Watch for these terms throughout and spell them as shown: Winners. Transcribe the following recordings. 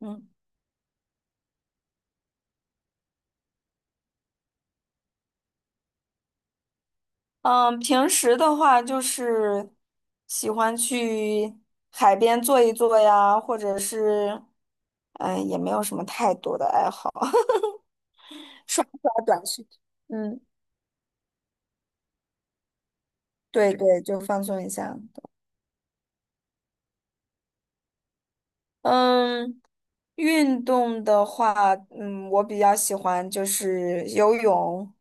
嗯嗯，平时的话就是喜欢去海边坐一坐呀，或者是也没有什么太多的爱好，刷刷短视频。嗯，对对，就放松一下。嗯，运动的话，我比较喜欢就是游泳。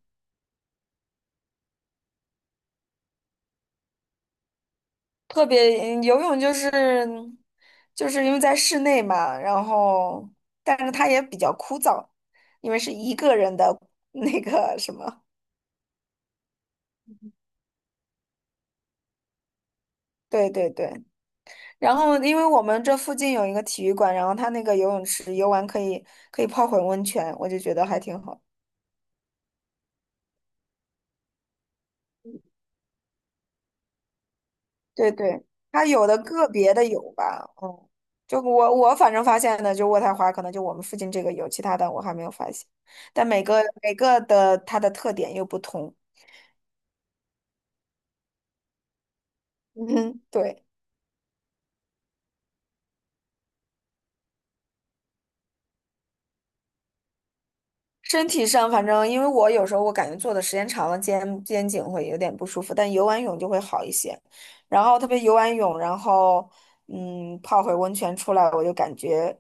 特别游泳就是因为在室内嘛，然后但是它也比较枯燥，因为是一个人的那个什么，对对对。然后因为我们这附近有一个体育馆，然后它那个游泳池游完可以泡会儿温泉，我就觉得还挺好。对对，它有的个别的有吧，就我反正发现的就渥太华可能就我们附近这个有，其他的我还没有发现，但每个每个的它的特点又不同。嗯，对，身体上反正因为我有时候我感觉坐的时间长了肩颈会有点不舒服，但游完泳就会好一些。然后特别游完泳，然后泡会温泉出来，我就感觉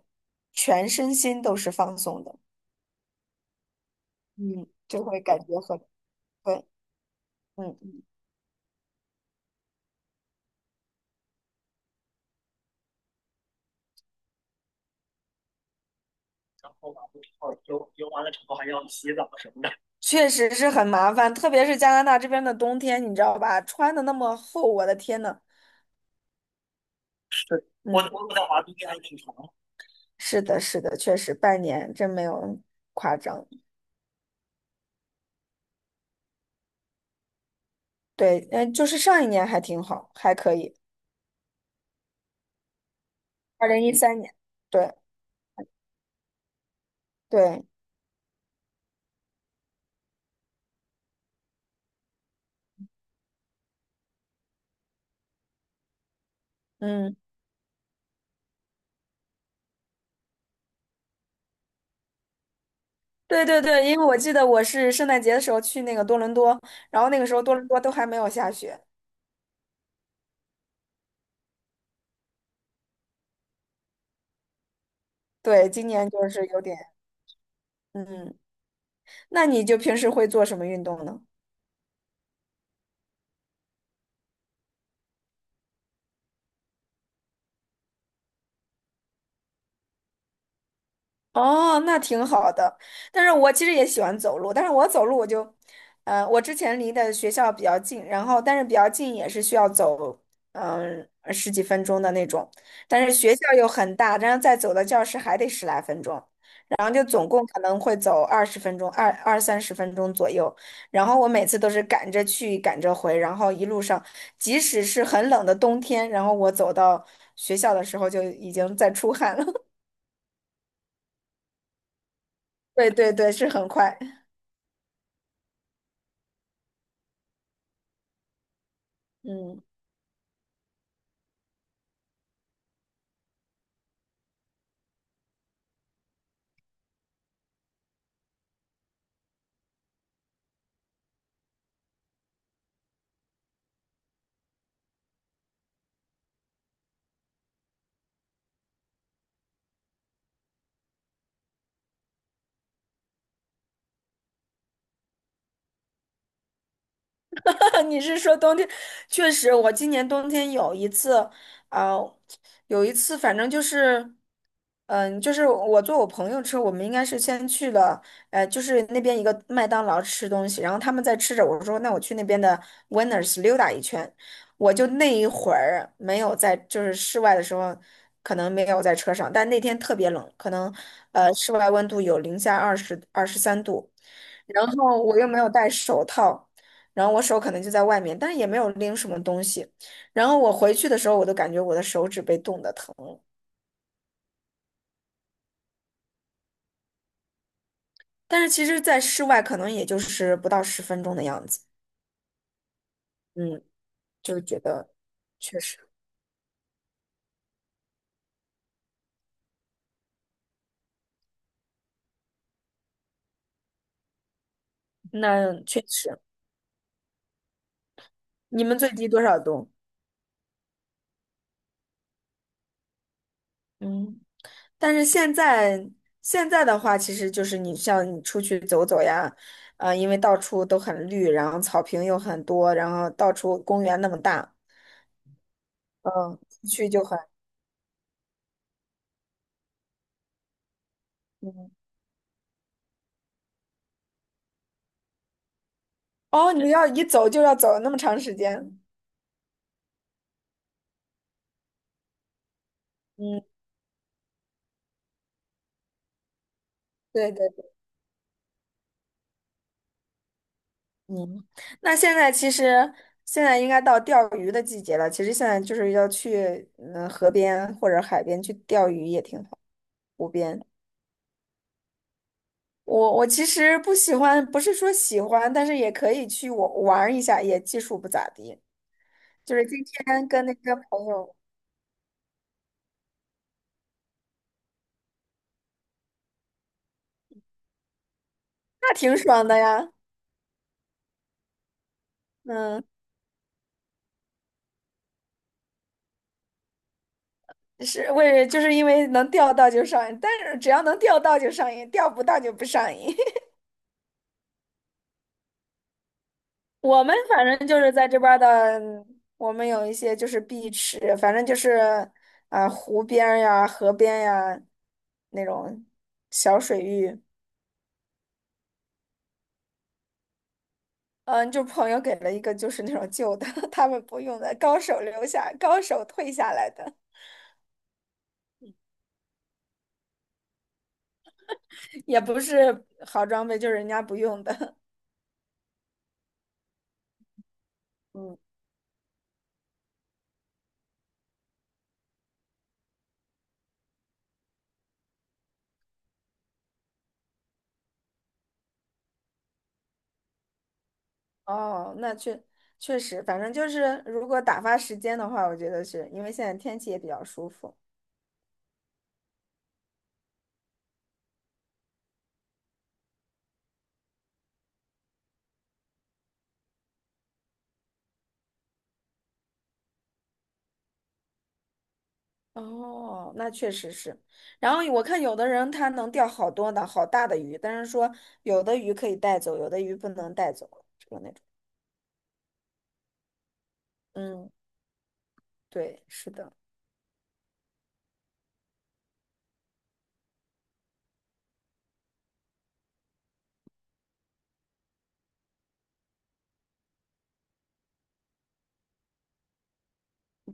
全身心都是放松的，嗯，就会感觉很对，嗯，确实是很麻烦，特别是加拿大这边的冬天，你知道吧？穿的那么厚，我的天呐，嗯。是的，是的，确实半年真没有夸张。对，嗯，就是上一年还挺好，还可以。2013年，对对，嗯，对对对，因为我记得我是圣诞节的时候去那个多伦多，然后那个时候多伦多都还没有下雪。对，今年就是有点，嗯，那你就平时会做什么运动呢？哦，那挺好的。但是我其实也喜欢走路，但是我走路我就，我之前离的学校比较近，然后但是比较近也是需要走，十几分钟的那种。但是学校又很大，然后再走到教室还得十来分钟，然后就总共可能会走20分钟，二三十分钟左右。然后我每次都是赶着去，赶着回，然后一路上，即使是很冷的冬天，然后我走到学校的时候就已经在出汗了。对对对，是很快。嗯，你是说冬天？确实，我今年冬天有一次，啊、有一次，反正就是，就是我坐我朋友车，我们应该是先去了，就是那边一个麦当劳吃东西，然后他们在吃着，我说那我去那边的 Winners 溜达一圈，我就那一会儿没有在，就是室外的时候，可能没有在车上，但那天特别冷，可能室外温度有零下23度。然后我又没有戴手套，然后我手可能就在外面，但是也没有拎什么东西。然后我回去的时候，我都感觉我的手指被冻得疼了。但是其实，在室外可能也就是不到十分钟的样子。嗯，就觉得确实，那确实，你们最低多少度？嗯，但是现在的话，其实就是你像你出去走走呀，啊，因为到处都很绿，然后草坪又很多，然后到处公园那么大。嗯，去就很，嗯，哦，你要一走就要走那么长时间，嗯，对对对，嗯，那现在其实现在应该到钓鱼的季节了，其实现在就是要去河边或者海边去钓鱼也挺好，湖边。我其实不喜欢，不是说喜欢，但是也可以去我玩儿一下，也技术不咋地。就是今天跟那个朋友，那挺爽的呀，嗯。就是因为能钓到就上瘾，但是只要能钓到就上瘾，钓不到就不上瘾。我们反正就是在这边儿的，我们有一些就是碧池，反正就是啊、湖边儿呀、河边呀那种小水域。嗯，就朋友给了一个就是那种旧的，他们不用的，高手留下，高手退下来的，也不是好装备，就是人家不用的。嗯。哦，那确实，反正就是如果打发时间的话，我觉得是因为现在天气也比较舒服。哦，那确实是。然后我看有的人他能钓好多的好大的鱼，但是说有的鱼可以带走，有的鱼不能带走，就是那种。嗯，对，是的，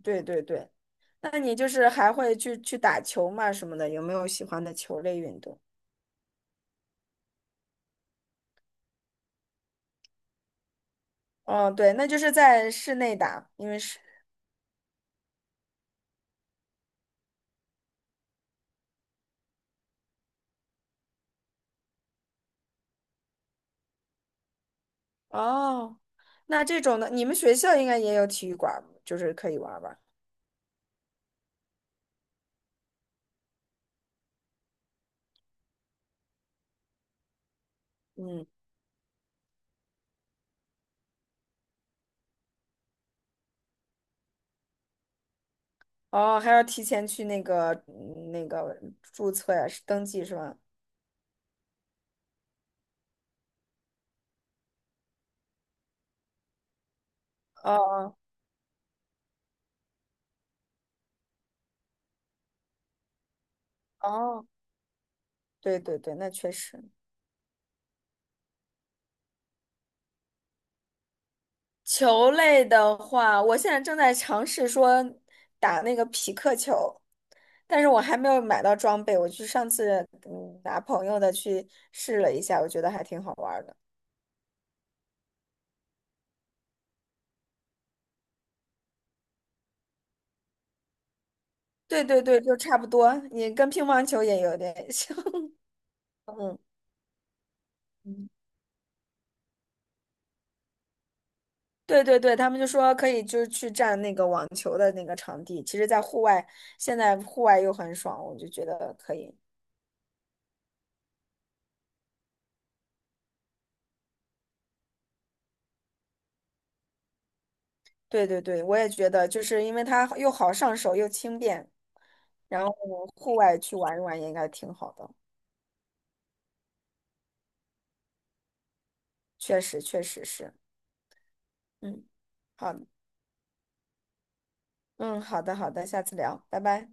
对对对。那你就是还会去打球嘛什么的，有没有喜欢的球类运动？哦，对，那就是在室内打，因为室哦，那这种的，你们学校应该也有体育馆儿就是可以玩儿吧？嗯，哦，还要提前去那个注册呀，是登记是吧？哦哦哦，对对对，那确实。球类的话，我现在正在尝试说打那个匹克球，但是我还没有买到装备。我去上次拿朋友的去试了一下，我觉得还挺好玩儿的。对对对，就差不多，你跟乒乓球也有点像。嗯。对对对，他们就说可以就是去占那个网球的那个场地，其实，在户外现在户外又很爽，我就觉得可以。对对对，我也觉得，就是因为它又好上手又轻便，然后户外去玩一玩也应该挺好的。确实，确实是，嗯，好，嗯，好的，好的，下次聊，拜拜。